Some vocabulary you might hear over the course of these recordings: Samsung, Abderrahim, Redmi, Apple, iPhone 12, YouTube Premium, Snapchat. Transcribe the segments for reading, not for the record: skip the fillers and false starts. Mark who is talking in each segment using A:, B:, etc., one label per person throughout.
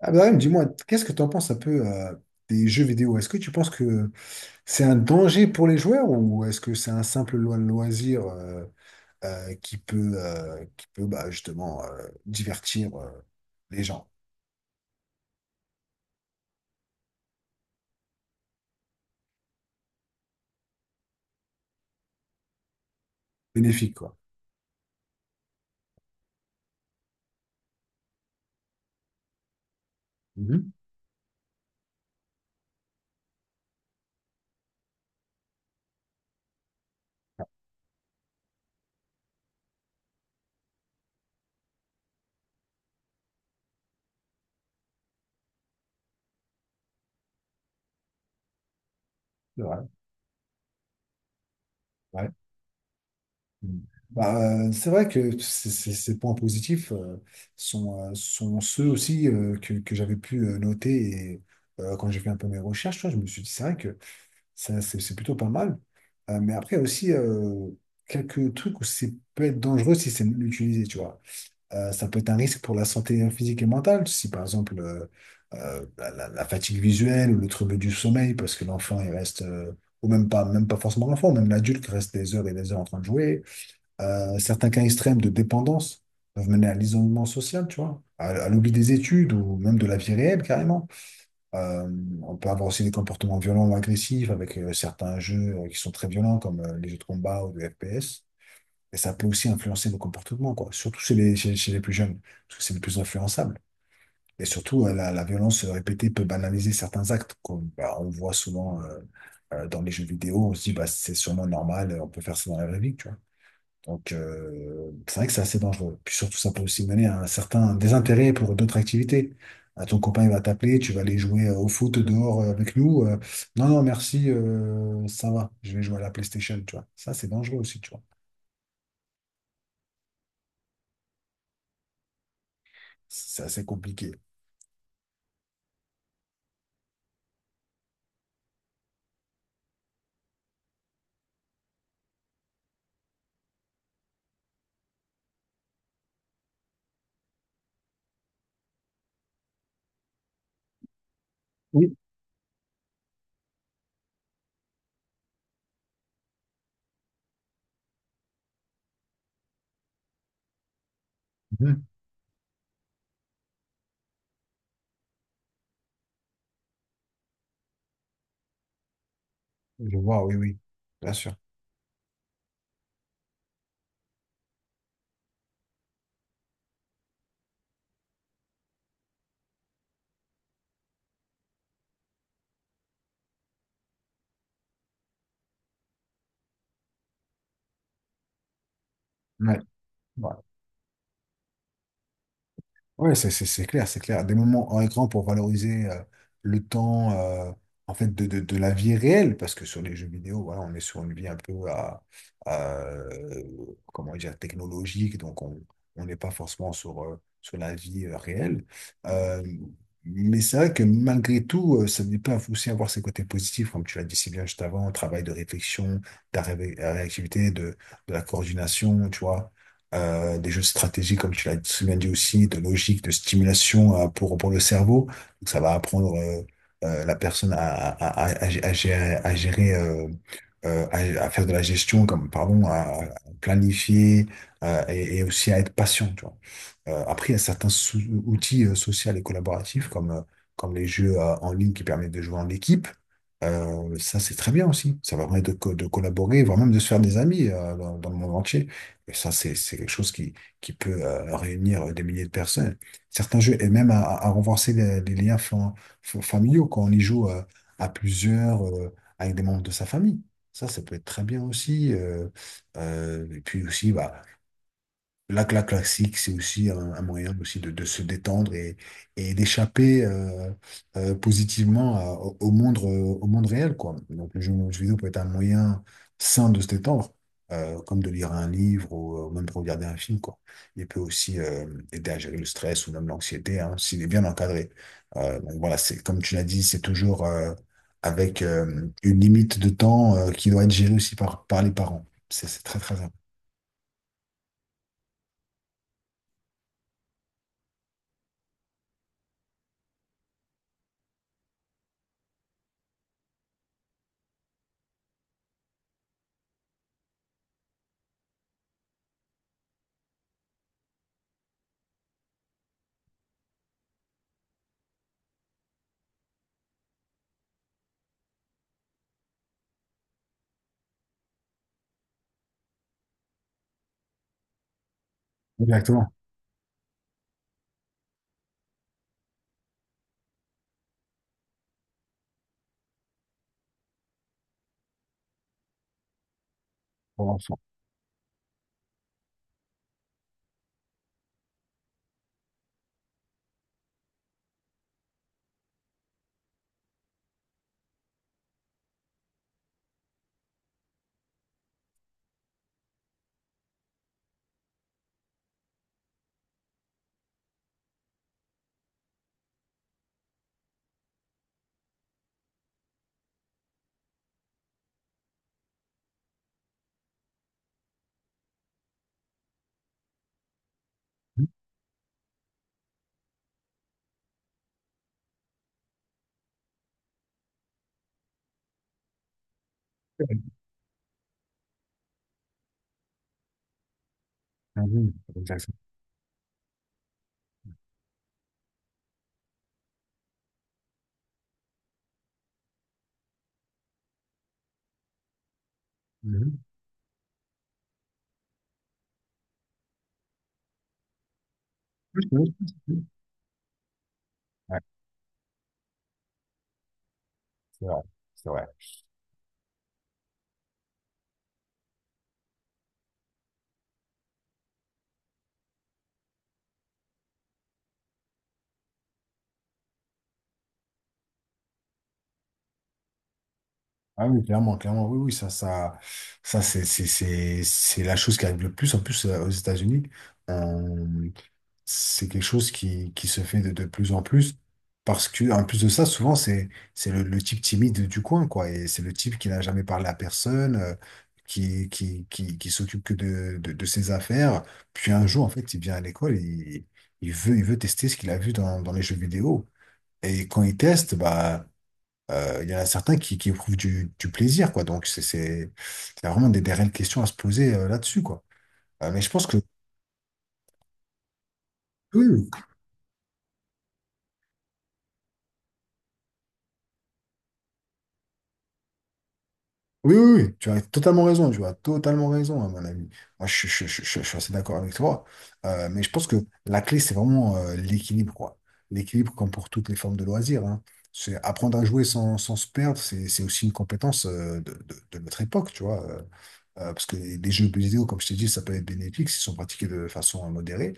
A: Abderrahim, dis-moi, qu'est-ce que tu en penses un peu des jeux vidéo? Est-ce que tu penses que c'est un danger pour les joueurs ou est-ce que c'est un simple loisir qui peut justement divertir les gens? Bénéfique, quoi. Mhm. C'est vrai, ouais. Mhm. Bah, c'est vrai que ces points positifs sont, sont ceux aussi que j'avais pu noter et, quand j'ai fait un peu mes recherches. Tu vois, je me suis dit, c'est vrai que ça, c'est plutôt pas mal. Mais après, il y a aussi quelques trucs où c'est peut être dangereux si c'est mal utilisé, tu vois. Ça peut être un risque pour la santé physique et mentale, si par exemple la fatigue visuelle ou le trouble du sommeil, parce que l'enfant, il reste, ou même pas forcément l'enfant, même l'adulte reste des heures et des heures en train de jouer. Certains cas extrêmes de dépendance peuvent mener à l'isolement social, tu vois, à l'oubli des études ou même de la vie réelle, carrément. Euh, on peut avoir aussi des comportements violents ou agressifs avec certains jeux qui sont très violents comme les jeux de combat ou de FPS. Et ça peut aussi influencer nos comportements, quoi. Surtout chez chez les plus jeunes, parce que c'est le plus influençable. Et surtout, la violence répétée peut banaliser certains actes, comme bah, on voit souvent dans les jeux vidéo. On se dit, bah, c'est sûrement normal, on peut faire ça dans la vraie vie, tu vois. Donc, c'est vrai que c'est assez dangereux. Puis surtout, ça peut aussi mener à un certain désintérêt pour d'autres activités. Ah, ton copain, il va t'appeler, tu vas aller jouer au foot dehors avec nous. Euh, non, non, merci, ça va, je vais jouer à la PlayStation, tu vois. Ça, c'est dangereux aussi, tu vois. C'est assez compliqué. Oui. Mhm. Je vois, oui, oui, bien sûr. Ouais. Ouais. Ouais, c'est clair, c'est clair. Des moments hors écran pour valoriser le temps en fait de la vie réelle, parce que sur les jeux vidéo, voilà, on est sur une vie un peu à, à, euh, comment dire, technologique, donc on n'est pas forcément sur, sur la vie réelle. Euh, mais c'est vrai que malgré tout, ça peut aussi avoir ses côtés positifs, comme tu l'as dit si bien juste avant, travail de réflexion, de réactivité, de la coordination, tu vois des jeux de stratégie, comme tu l'as très bien dit aussi, de logique, de stimulation pour le cerveau. Donc, ça va apprendre la personne à gérer, gérer, euh, à, à faire de la gestion, comme, pardon, à planifier et aussi à être patient, tu vois. Après, il y a certains outils sociaux et collaboratifs, comme, comme les jeux en ligne qui permettent de jouer en équipe. Ça, c'est très bien aussi. Ça va permettre de collaborer, voire même de se faire des amis dans, dans le monde entier. Et ça, c'est quelque chose qui peut réunir des milliers de personnes. Certains jeux, et même à renforcer les liens familiaux quand on y joue à plusieurs, avec des membres de sa famille. Ça peut être très bien aussi. Euh, et puis aussi, bah, la classique, c'est aussi un moyen aussi de se détendre et d'échapper positivement au monde réel, quoi. Donc, le jeu vidéo peut être un moyen sain de se détendre, comme de lire un livre ou même de regarder un film, quoi. Il peut aussi aider à gérer le stress ou même l'anxiété, hein, s'il est bien encadré. Donc, voilà, c'est comme tu l'as dit, c'est toujours avec une limite de temps qui doit être gérée aussi par, par les parents. C'est très, très important. Exactement, pour l'enfant. Ah oui, exactement. Mhm. Oui, oui, oui. Ouais, c'est vrai, c'est vrai. Ah oui, clairement, clairement, oui, oui, ça, c'est la chose qui arrive le plus. En plus, aux États-Unis, euh, c'est quelque chose qui se fait de plus en plus. Parce que, en plus de ça, souvent, c'est le type timide du coin, quoi. Et c'est le type qui n'a jamais parlé à personne, qui s'occupe que de ses affaires. Puis un jour, en fait, il vient à l'école et il, il veut tester ce qu'il a vu dans, dans les jeux vidéo. Et quand ils testent, bah, il y en a certains qui éprouvent du plaisir, quoi. Donc, c'est vraiment des réelles questions à se poser là-dessus, quoi. Mais je pense que oui, oui. Oui, oui, oui, tu as totalement raison, tu as totalement raison, à mon avis. Moi, je suis assez d'accord avec toi. Mais je pense que la clé, c'est vraiment l'équilibre, quoi. L'équilibre, comme pour toutes les formes de loisirs, hein. C'est apprendre à jouer sans, sans se perdre, c'est aussi une compétence de notre époque, tu vois. Euh, parce que les jeux vidéo, comme je t'ai dit, ça peut être bénéfique s'ils sont pratiqués de façon modérée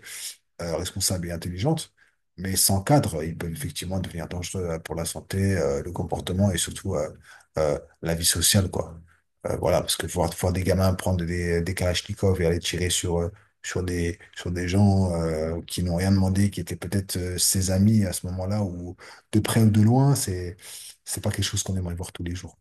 A: responsable et intelligente, mais sans cadre, il peut effectivement devenir dangereux pour la santé, le comportement et surtout la vie sociale, quoi. Voilà, parce que voir des gamins prendre des kalachnikovs et aller tirer sur, sur des gens qui n'ont rien demandé, qui étaient peut-être ses amis à ce moment-là, ou de près ou de loin, c'est pas quelque chose qu'on aimerait voir tous les jours.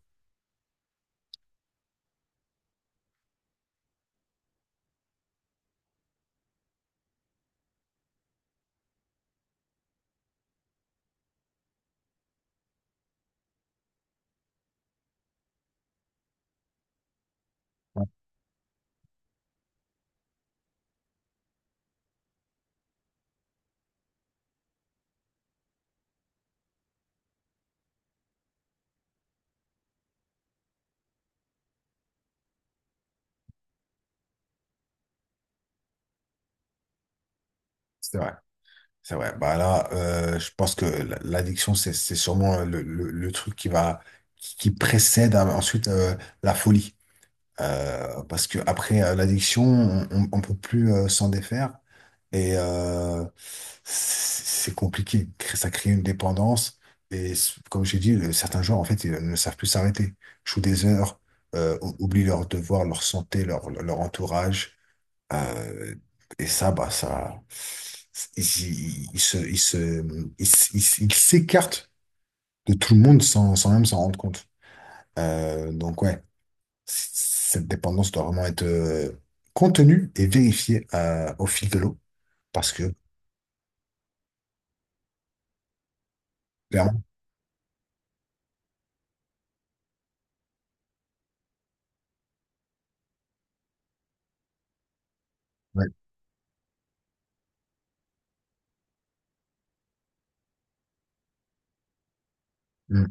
A: C'est vrai. C'est vrai. Bah là, je pense que l'addiction, c'est sûrement le truc qui va qui précède ensuite la folie. Parce que après l'addiction, on, on peut plus s'en défaire et c'est compliqué. Ça crée une dépendance et comme j'ai dit, certains joueurs en fait ils ne savent plus s'arrêter. Jouent des heures, oublient leurs devoirs, leur santé, leur entourage. Euh, et ça, bah, ça, il se, il se, il, s- il s- il s'écarte de tout le monde sans, sans même s'en rendre compte. Donc, ouais, cette dépendance doit vraiment être contenue et vérifiée au fil de l'eau. Parce que, clairement, ouais. Mm.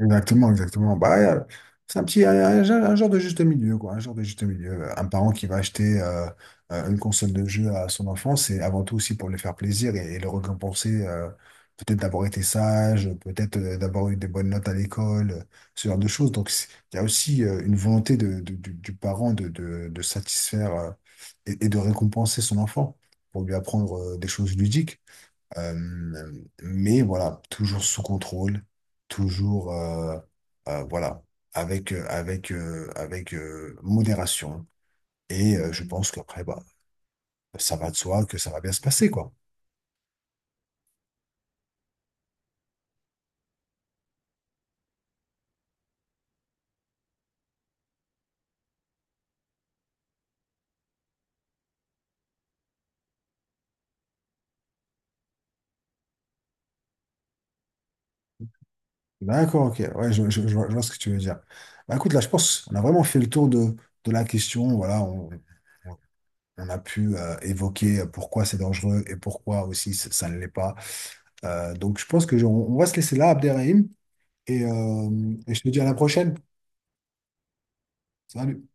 A: Exactement, exactement. Bah, c'est un petit, un, un genre de juste milieu, quoi. Un genre de juste milieu. Un parent qui va acheter une console de jeu à son enfant, c'est avant tout aussi pour lui faire plaisir et le récompenser, peut-être d'avoir été sage, peut-être d'avoir eu des bonnes notes à l'école, ce genre de choses. Donc, c'est- il y a aussi une volonté du parent de satisfaire et de récompenser son enfant pour lui apprendre des choses ludiques. Euh, mais voilà, toujours sous contrôle, toujours voilà, avec modération. Et je pense qu'après, bah, ça va de soi que ça va bien se passer, quoi. D'accord, ok. Ouais, je vois ce que tu veux dire. Bah, écoute, là, je pense qu'on a vraiment fait le tour de la question. Voilà, on a pu évoquer pourquoi c'est dangereux et pourquoi aussi ça ne l'est pas. Donc je pense que on va se laisser là, Abderrahim, et je te dis à la prochaine. Salut.